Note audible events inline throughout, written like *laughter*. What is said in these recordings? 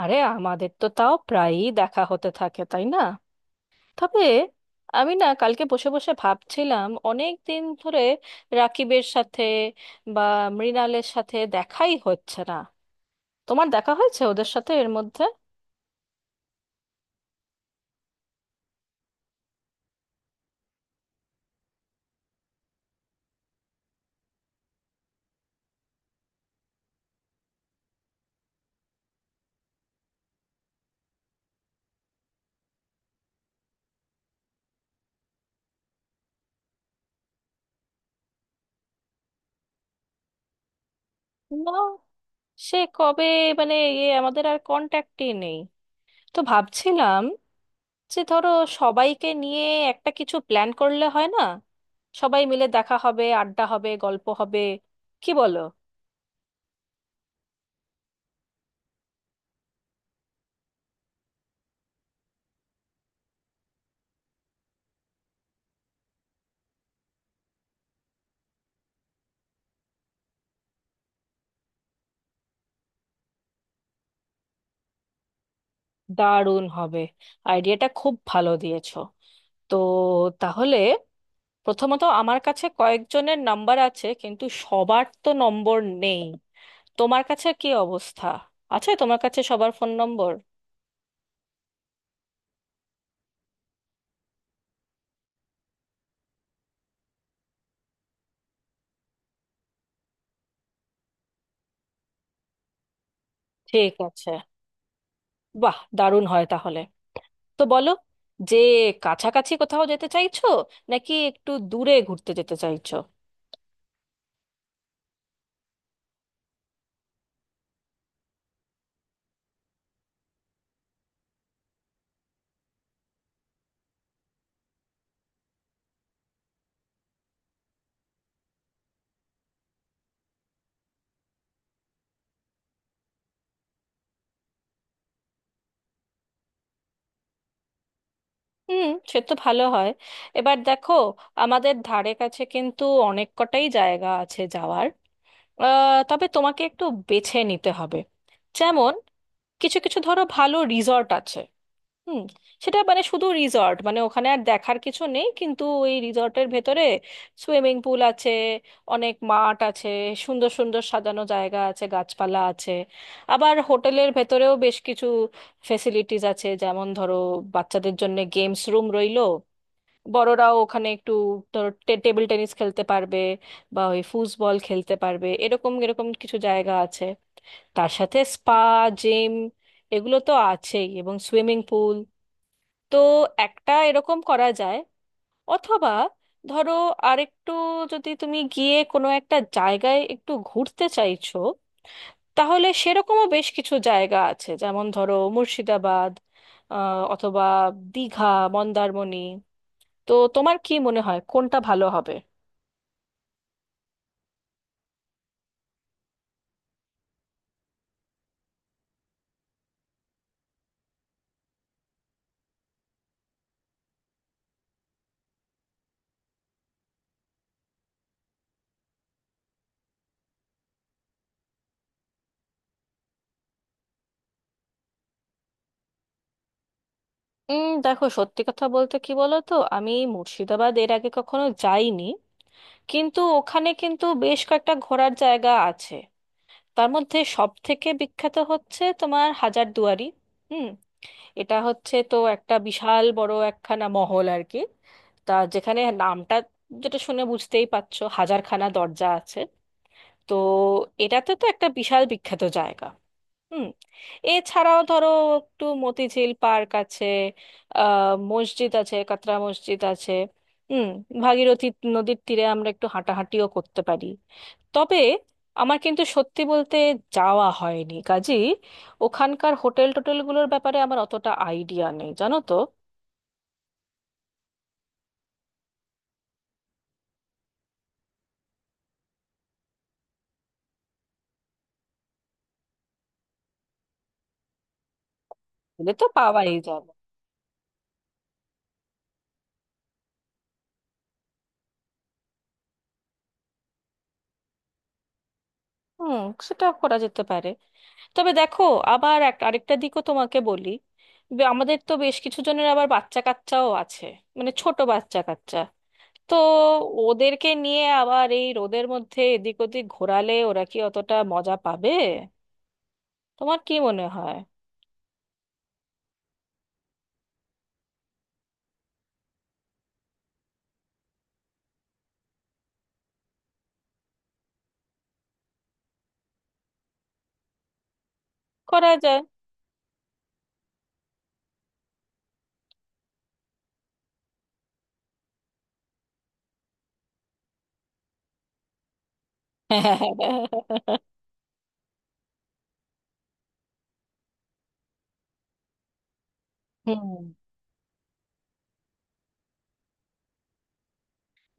আরে আমাদের তো তাও প্রায়ই দেখা হতে থাকে তাই না? তবে আমি না কালকে বসে বসে ভাবছিলাম অনেক দিন ধরে রাকিবের সাথে বা মৃণালের সাথে দেখাই হচ্ছে না। তোমার দেখা হয়েছে ওদের সাথে এর মধ্যে? না, সে কবে, মানে আমাদের আর কন্ট্যাক্টই নেই। তো ভাবছিলাম যে ধরো সবাইকে নিয়ে একটা কিছু প্ল্যান করলে হয় না? সবাই মিলে দেখা হবে, আড্ডা হবে, গল্প হবে, কি বলো? দারুণ হবে। আইডিয়াটা খুব ভালো দিয়েছো। তো তাহলে প্রথমত আমার কাছে কয়েকজনের নাম্বার আছে কিন্তু সবার তো নম্বর নেই। তোমার কাছে কি অবস্থা? আছে তোমার কাছে সবার ফোন নম্বর? ঠিক আছে। বাহ, দারুণ হয় তাহলে। তো বলো যে কাছাকাছি কোথাও যেতে চাইছো নাকি একটু দূরে ঘুরতে যেতে চাইছো? হুম, সে তো ভালো হয়। এবার দেখো আমাদের ধারে কাছে কিন্তু অনেক কটাই জায়গা আছে যাওয়ার। তবে তোমাকে একটু বেছে নিতে হবে। যেমন কিছু কিছু ধরো ভালো রিসর্ট আছে। হুম। সেটা মানে শুধু রিসর্ট, মানে ওখানে আর দেখার কিছু নেই কিন্তু ওই রিসর্টের ভেতরে সুইমিং পুল আছে, অনেক মাঠ আছে, সুন্দর সুন্দর সাজানো জায়গা আছে, গাছপালা আছে। আবার হোটেলের ভেতরেও বেশ কিছু ফেসিলিটিস আছে, যেমন ধরো বাচ্চাদের জন্য গেমস রুম রইলো, বড়রাও ওখানে একটু ধরো টেবিল টেনিস খেলতে পারবে বা ওই ফুটবল খেলতে পারবে, এরকম এরকম কিছু জায়গা আছে। তার সাথে স্পা, জিম, এগুলো তো আছেই, এবং সুইমিং পুল। তো একটা এরকম করা যায়। অথবা ধরো আরেকটু, যদি তুমি গিয়ে কোনো একটা জায়গায় একটু ঘুরতে চাইছো, তাহলে সেরকমও বেশ কিছু জায়গা আছে, যেমন ধরো মুর্শিদাবাদ, অথবা দীঘা, মন্দারমণি। তো তোমার কি মনে হয় কোনটা ভালো হবে? দেখো সত্যি কথা বলতে কি, বলো তো আমি মুর্শিদাবাদ এর আগে কখনো যাইনি, কিন্তু ওখানে কিন্তু বেশ কয়েকটা ঘোরার জায়গা আছে। তার মধ্যে সব থেকে বিখ্যাত হচ্ছে তোমার হাজারদুয়ারি। হুম। এটা হচ্ছে তো একটা বিশাল বড় একখানা মহল আর কি। তা যেখানে নামটা, যেটা শুনে বুঝতেই পারছো হাজারখানা দরজা আছে। তো এটাতে তো একটা বিশাল বিখ্যাত জায়গা। হুম। এছাড়াও ধরো একটু মতিঝিল পার্ক আছে, মসজিদ আছে, কাতরা মসজিদ আছে। হুম। ভাগীরথী নদীর তীরে আমরা একটু হাঁটাহাঁটিও করতে পারি। তবে আমার কিন্তু সত্যি বলতে যাওয়া হয়নি, কাজী ওখানকার হোটেল টোটেলগুলোর ব্যাপারে আমার অতটা আইডিয়া নেই, জানো তো। গেলে তো পাওয়াই যাবে। হুম, সেটা করা যেতে পারে। তবে দেখো আবার এক আরেকটা দিকও তোমাকে বলি। আমাদের তো বেশ কিছু জনের আবার বাচ্চা কাচ্চাও আছে, মানে ছোট বাচ্চা কাচ্চা। তো ওদেরকে নিয়ে আবার এই রোদের মধ্যে এদিক ওদিক ঘোরালে ওরা কি অতটা মজা পাবে? তোমার কি মনে হয়? করা যায়। *laughs* হুম,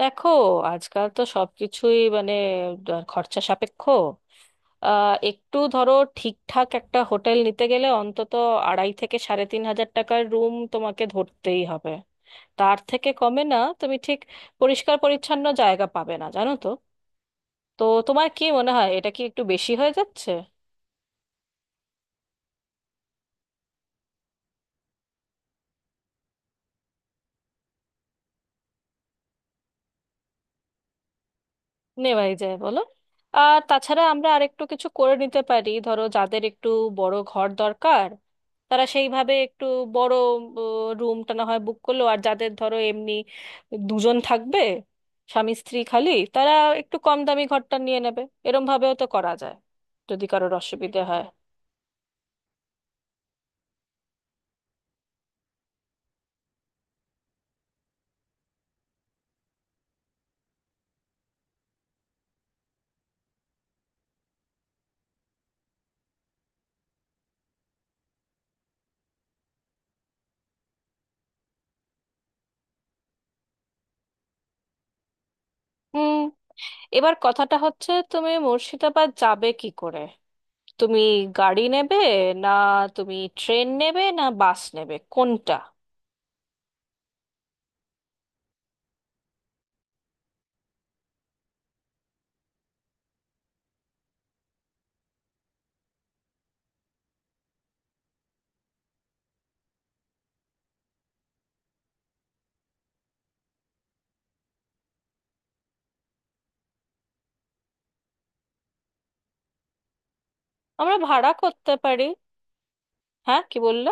দেখো আজকাল তো সবকিছুই মানে খরচা সাপেক্ষ। একটু ধরো ঠিকঠাক একটা হোটেল নিতে গেলে অন্তত 2,500 থেকে 3,500 টাকার রুম তোমাকে ধরতেই হবে, তার থেকে কমে না তুমি ঠিক পরিষ্কার পরিচ্ছন্ন জায়গা পাবে না, জানো তো। তো তোমার কি মনে হয় এটা কি একটু বেশি হয়ে যাচ্ছে? নেওয়াই যায় বলো। আর তাছাড়া আমরা আরেকটু কিছু করে নিতে পারি, ধরো যাদের একটু বড় ঘর দরকার, তারা সেইভাবে একটু বড় রুমটা না হয় বুক করলো, আর যাদের ধরো এমনি দুজন থাকবে, স্বামী স্ত্রী খালি, তারা একটু কম দামি ঘরটা নিয়ে নেবে। এরম ভাবেও তো করা যায়, যদি কারোর অসুবিধে হয়। হুম। এবার কথাটা হচ্ছে তুমি মুর্শিদাবাদ যাবে কি করে? তুমি গাড়ি নেবে, না তুমি ট্রেন নেবে না বাস নেবে, কোনটা? আমরা ভাড়া করতে পারি। হ্যাঁ, কি বললে?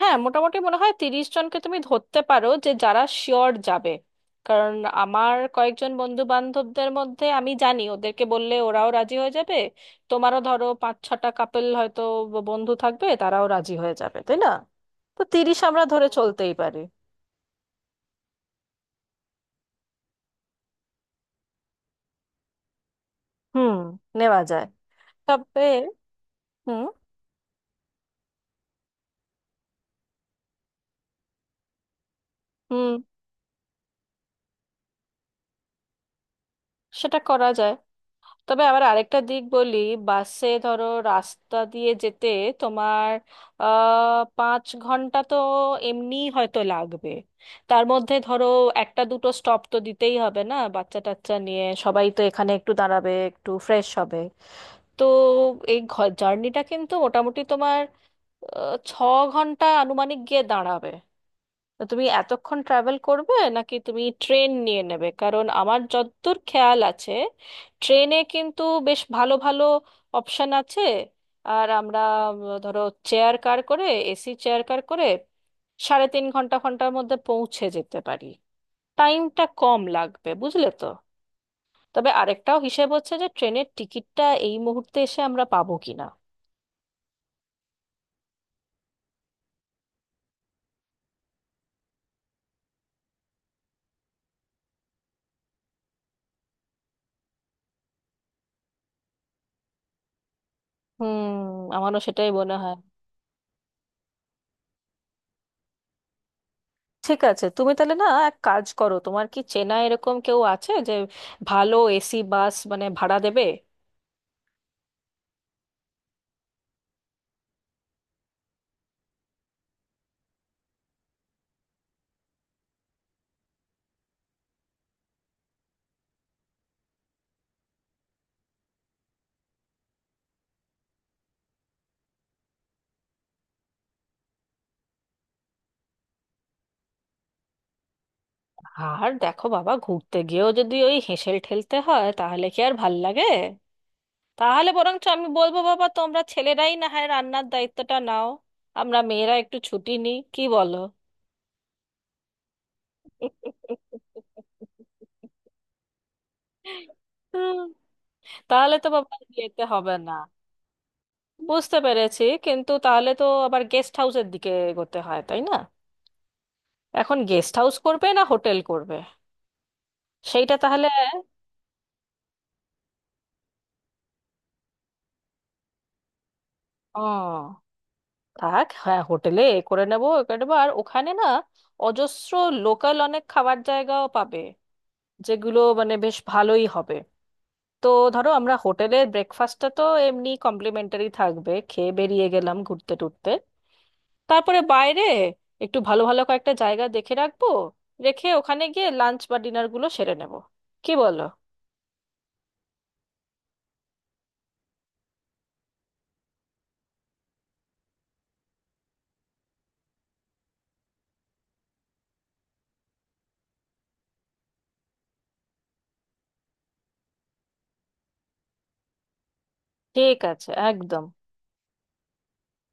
হ্যাঁ, মোটামুটি মনে হয় 30 জনকে তুমি ধরতে পারো, যে যারা শিওর যাবে। কারণ আমার কয়েকজন বন্ধু বান্ধবদের মধ্যে আমি জানি, ওদেরকে বললে ওরাও রাজি হয়ে যাবে। তোমারও ধরো 5-6 কাপেল হয়তো বন্ধু থাকবে, তারাও রাজি হয়ে যাবে, তাই না? তো তিরিশ আমরা ধরে চলতেই পারি। হুম, নেওয়া যায়। তবে হুম হুম, সেটা করা যায়। তবে আবার আরেকটা দিক বলি। বাসে ধরো রাস্তা দিয়ে যেতে তোমার 5 ঘন্টা তো এমনি হয়তো লাগবে। তার মধ্যে ধরো একটা দুটো স্টপ তো দিতেই হবে না, বাচ্চা টাচ্চা নিয়ে সবাই তো এখানে একটু দাঁড়াবে, একটু ফ্রেশ হবে। তো এই জার্নিটা কিন্তু মোটামুটি তোমার 6 ঘন্টা আনুমানিক গিয়ে দাঁড়াবে। তো তুমি এতক্ষণ ট্রাভেল করবে নাকি তুমি ট্রেন নিয়ে নেবে? কারণ আমার যতদূর খেয়াল আছে ট্রেনে কিন্তু বেশ ভালো ভালো অপশন আছে। আর আমরা ধরো চেয়ার কার করে, এসি চেয়ার কার করে সাড়ে তিন ঘন্টার মধ্যে পৌঁছে যেতে পারি। টাইমটা কম লাগবে, বুঝলে তো। তবে আরেকটাও হিসেব হচ্ছে যে ট্রেনের টিকিটটা এই মুহূর্তে এসে আমরা পাবো কিনা। হুম, আমারও সেটাই মনে হয়। ঠিক আছে, তুমি তাহলে না এক কাজ করো, তোমার কি চেনা এরকম কেউ আছে যে ভালো এসি বাস মানে ভাড়া দেবে? আর দেখো বাবা, ঘুরতে গিয়েও যদি ওই হেসেল ঠেলতে হয় তাহলে কি আর ভাল লাগে? তাহলে বরঞ্চ আমি বলবো বাবা তোমরা ছেলেরাই না হয় রান্নার দায়িত্বটা নাও, আমরা মেয়েরা একটু ছুটি নিই, কি বলো? হুম, তাহলে তো বাবা আর যেতে হবে না। বুঝতে পেরেছি কিন্তু তাহলে তো আবার গেস্ট হাউসের দিকে এগোতে হয় তাই না? এখন গেস্ট হাউস করবে না হোটেল করবে, সেইটা তাহলে। ও, থাক, হ্যাঁ, হোটেলে এ করে নেবো। একবার ওখানে না অজস্র লোকাল অনেক খাবার জায়গাও পাবে, যেগুলো মানে বেশ ভালোই হবে। তো ধরো আমরা হোটেলের ব্রেকফাস্টটা তো এমনি কমপ্লিমেন্টারি থাকবে, খেয়ে বেরিয়ে গেলাম ঘুরতে টুরতে, তারপরে বাইরে একটু ভালো ভালো কয়েকটা জায়গা দেখে রাখবো, রেখে ওখানে গিয়ে লাঞ্চ বা ডিনার গুলো সেরে নেব, কি বলো? ঠিক আছে, একদম।